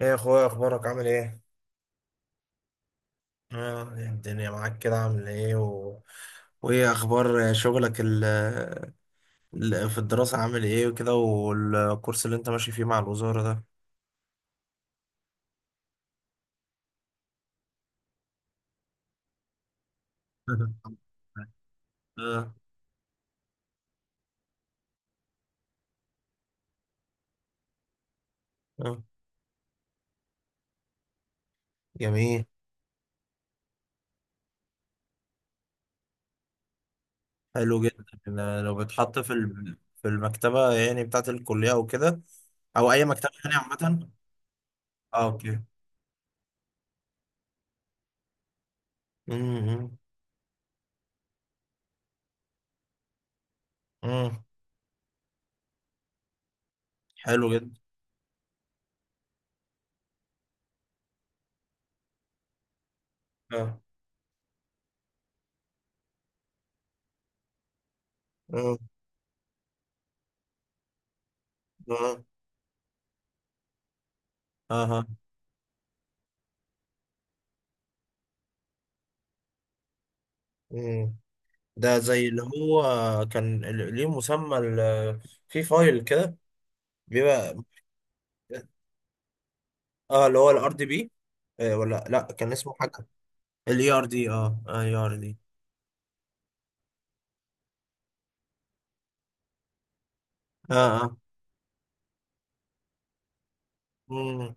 ايه يا اخويا، اخبارك؟ عامل ايه؟ إيه الدنيا معاك كده، عامل ايه وايه اخبار شغلك في الدراسة، عامل ايه وكده، والكورس اللي انت ماشي فيه مع الوزارة ده؟ اه. اه، جميل. حلو جدا، إن لو بتحط في في المكتبة يعني بتاعة الكلية او كده، او اي مكتبة يعني عامة. اه اوكي. امم امم حلو جدا. اه، اه، اه، اه، ده زي اللي هو كان في فايل كده، بيبقى اه، اللي هو الار دي بي، ولا لا، كان اسمه حاجه الاي ار دي، اه، اي ار دي. اه، اه، مم.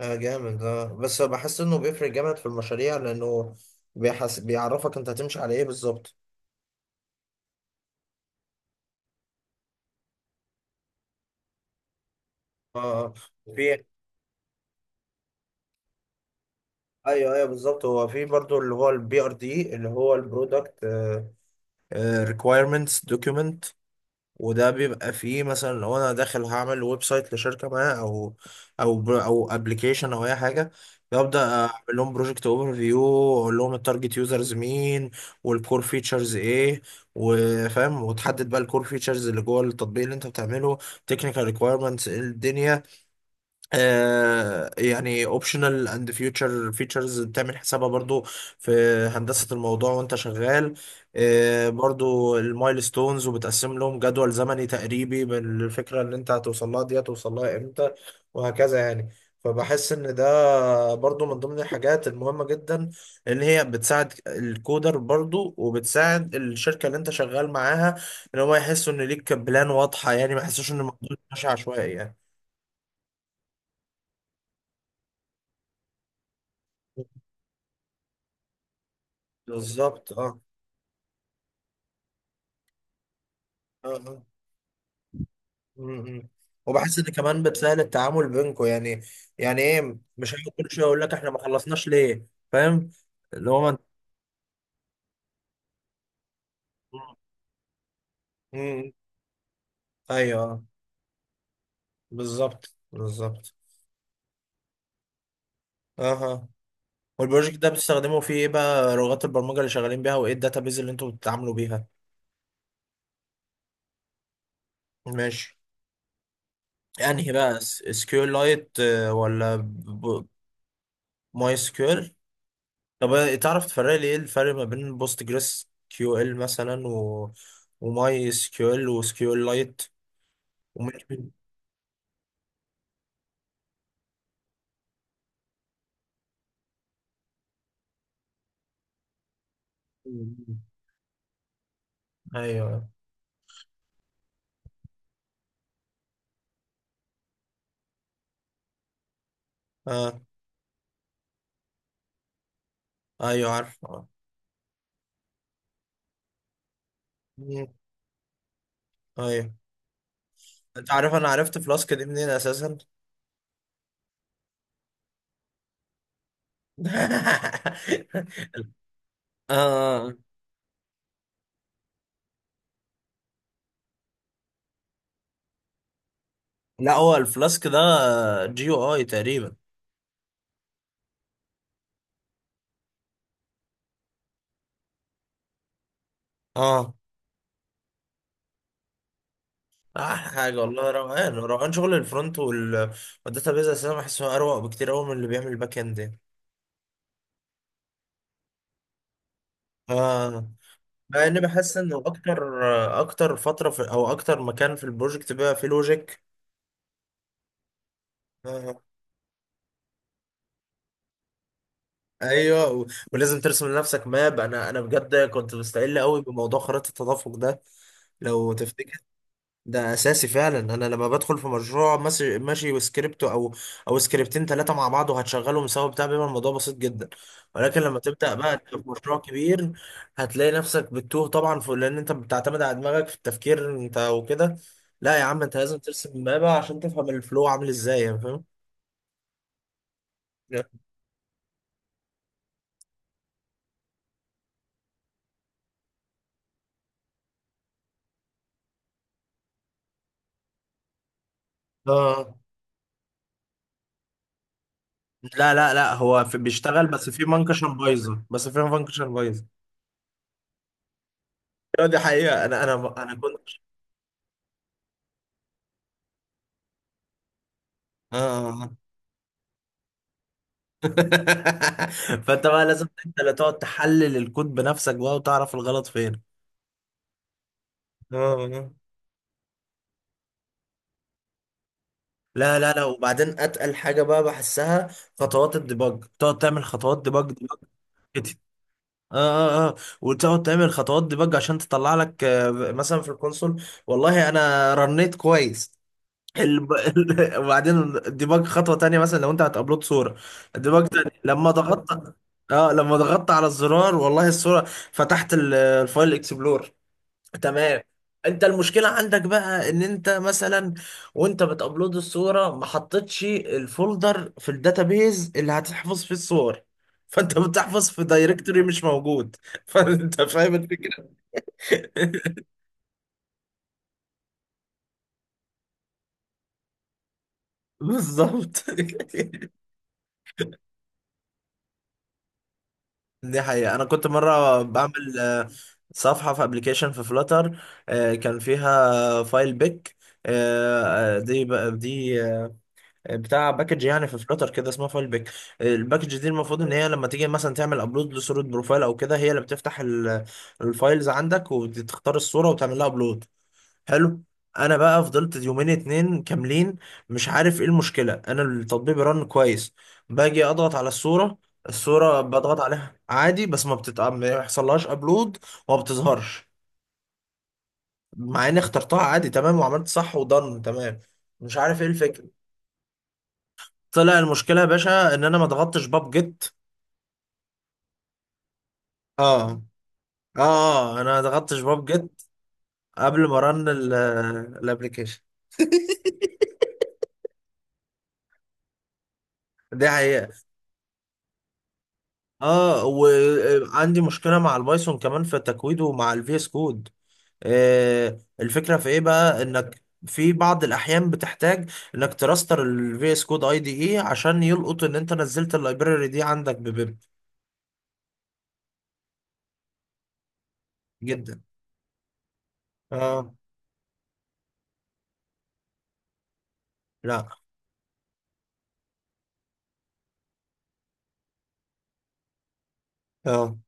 اه جامد، اه، بس بحس انه بيفرق جامد في المشاريع لانه بيحس، بيعرفك انت هتمشي على ايه بالظبط. اه، اه، في ايوه ايوه بالظبط، هو في برضو اللي هو البي ار دي اللي هو البرودكت ريكويرمنتس دوكيومنت، وده بيبقى فيه مثلا لو انا داخل هعمل ويب سايت لشركه ما، او او ابلكيشن او اي حاجه، ببدا اعمل لهم بروجكت اوفر فيو، اقول لهم التارجت يوزرز مين، والكور فيتشرز ايه، وفاهم، وتحدد بقى الكور فيتشرز اللي جوه التطبيق اللي انت بتعمله، تكنيكال ريكويرمنتس ايه الدنيا، يعني اوبشنال اند فيوتشر فيتشرز بتعمل حسابها برضو في هندسة الموضوع وانت شغال. برضو المايلستونز، وبتقسم لهم جدول زمني تقريبي بالفكرة اللي انت هتوصل لها دي، هتوصل لها امتى، وهكذا يعني. فبحس ان ده برضو من ضمن الحاجات المهمة جدا، ان هي بتساعد الكودر برضو وبتساعد الشركة اللي انت شغال معاها، ان هم يحسوا ان ليك بلان واضحة يعني، ما يحسوش ان الموضوع ماشي عشوائي يعني. بالظبط، اه. آه. مم. وبحس ان كمان بتسهل التعامل بينكم يعني، يعني ايه، مش هقعد كل شويه اقول لك احنا ما خلصناش ليه. فاهم، اللي هو ما انت. مم. ايوه، آه. بالظبط، بالظبط. اها. والبروجكت ده بتستخدموا فيه ايه بقى لغات البرمجه اللي شغالين بيها، وايه الداتابيز اللي انتوا بتتعاملوا بيها؟ ماشي. انهي بقى، اس كيو لايت ولا ماي سكيول؟ طب تعرف تفرق لي ايه الفرق ما بين بوست جريس كيو ال مثلا وماي اس كيو ال وسكيو ال لايت؟ ومن... ايوه. اه، ايوه عارف آه. مم. ايوه. انت عارف انا عرفت فلاسك دي منين اساسا؟ آه. لا، هو الفلاسك ده جي او اي تقريبا. اه، احلى حاجه والله، روقان روقان شغل الفرونت وال والداتا بيز اساسا بحسه اروق بكتير قوي من اللي بيعمل الباك اند يعني. اه. مع اني بحس ان اكتر، اكتر فتره في او اكتر مكان في البروجكت بقى فيه لوجيك. آه، ايوه ولازم ترسم لنفسك ماب. انا بجد كنت مستقل قوي بموضوع خريطه التدفق ده لو تفتكر. ده اساسي فعلا، انا لما بدخل في مشروع ماشي ماشي وسكريبت او سكريبتين ثلاثه مع بعض وهتشغلهم سوا بتاع، بيبقى الموضوع بسيط جدا. ولكن لما تبدا بقى في مشروع كبير هتلاقي نفسك بتتوه طبعا في، لان انت بتعتمد على دماغك في التفكير انت وكده. لا يا عم، انت لازم ترسم مابا عشان تفهم الفلو عامل ازاي يعني. فاهم؟ اه، لا لا لا، هو في بيشتغل، بس في منكشن بايظه، بس في منكشن بايظه. دي حقيقه، انا كنت. اه. فانت بقى لازم انت اللي تقعد تحلل الكود بنفسك بقى وتعرف الغلط فين. اه، اه، لا لا لا، وبعدين اتقل حاجه بقى بحسها، خطوات الديباج، تقعد تعمل خطوات ديباج ديباج كده، اه، اه، اه. وتقعد تعمل خطوات ديباج عشان تطلع لك مثلا في الكونسول، والله انا رنيت كويس وبعدين الديباج خطوه تانية، مثلا لو انت هتابلود صوره، الديباج تاني لما ضغطت. اه، لما ضغطت على الزرار، والله الصوره فتحت الفايل اكسبلور، تمام. انت المشكلة عندك بقى ان انت مثلا وانت بتابلود الصورة ما حطيتش الفولدر في الداتابيز اللي هتحفظ فيه الصور، فانت بتحفظ في دايركتوري مش موجود فانت فاهم الفكرة. بالظبط. دي حقيقة، أنا كنت مرة بعمل صفحة في ابلكيشن في فلاتر، كان فيها فايل بيك. دي بتاع باكج يعني، في فلتر كده اسمها فايل بيك. الباكج دي المفروض ان هي لما تيجي مثلا تعمل ابلود لصوره بروفايل او كده، هي اللي بتفتح الفايلز عندك وتختار الصوره وتعمل لها ابلود، حلو. انا بقى فضلت يومين اتنين كاملين مش عارف ايه المشكله، انا التطبيق رن كويس، باجي اضغط على الصوره، الصوره بضغط عليها عادي، بس ما يحصلهاش ابلود وما بتظهرش، مع اني اخترتها عادي تمام وعملت صح ودن تمام، مش عارف ايه الفكره. طلع المشكله يا باشا ان انا ما ضغطتش باب جيت. اه، اه، انا ما ضغطتش باب جيت قبل ما رن الابلكيشن. دي حقيقه. اه، وعندي مشكله مع البايثون كمان في تكويده مع الفي اس كود. آه، الفكره في ايه بقى، انك في بعض الاحيان بتحتاج انك تراستر الفي اس كود اي دي اي عشان يلقط ان انت نزلت اللايبراري دي عندك ببيب. جدا. اه. لا. اه،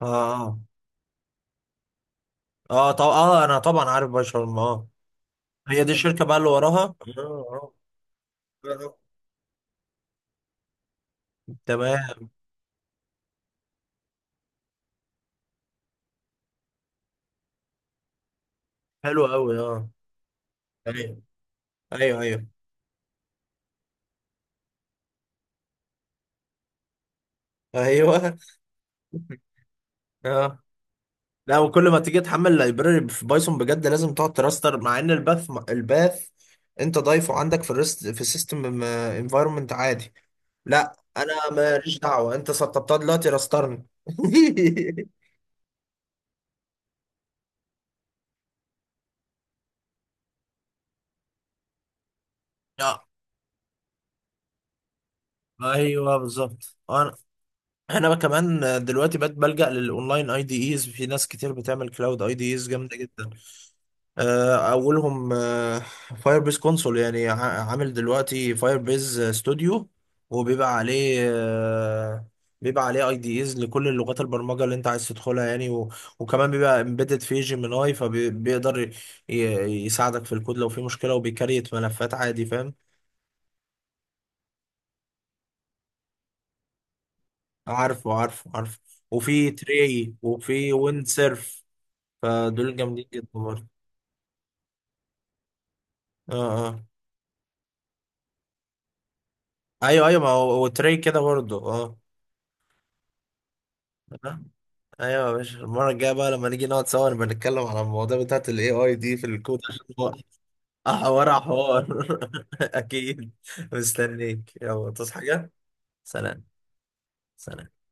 اه، اه، اه طب اه انا طبعا عارف باي شرم، اه، هي دي الشركة بقى اللي وراها، اه. اه، آه. تمام. حلو قوي، اه. ايوه، ايوه، ايوه، ايوه. اه، لا وكل ما تيجي تحمل لايبراري في بايثون بجد لازم تقعد تراستر، مع ان الباث انت ضايفه عندك في الريست في السيستم انفايرمنت عادي، لا انا ماليش دعوه، انت سطبتها دلوقتي راسترني. لا. ايوه بالظبط، انا كمان دلوقتي بقيت بلجأ للاونلاين اي دي ايز، في ناس كتير بتعمل كلاود اي دي ايز جامده جدا. اولهم فاير بيز كونسول، يعني عامل دلوقتي فاير بيز ستوديو وبيبقى عليه بيبقى عليه اي دي ايز لكل اللغات البرمجه اللي انت عايز تدخلها يعني وكمان بيبقى امبيدد في جيميناي، فبيقدر ي... يساعدك في الكود لو في مشكله وبيكريت ملفات عادي، فاهم. عارفه عارفه عارفه، وفي تري وفي ويند سيرف، فدول جامدين جدا برضه. اه، اه، ايوه، ايوه، ما هو هو تري كده برضه، اه. ايوه يا باشا، المره الجايه بقى لما نيجي نقعد سوا نبقى نتكلم على المواضيع بتاعت الاي اي دي في الكود عشان هو. حوار على حوار. اكيد. مستنيك، يلا تصحى حاجه. سلام. سلام.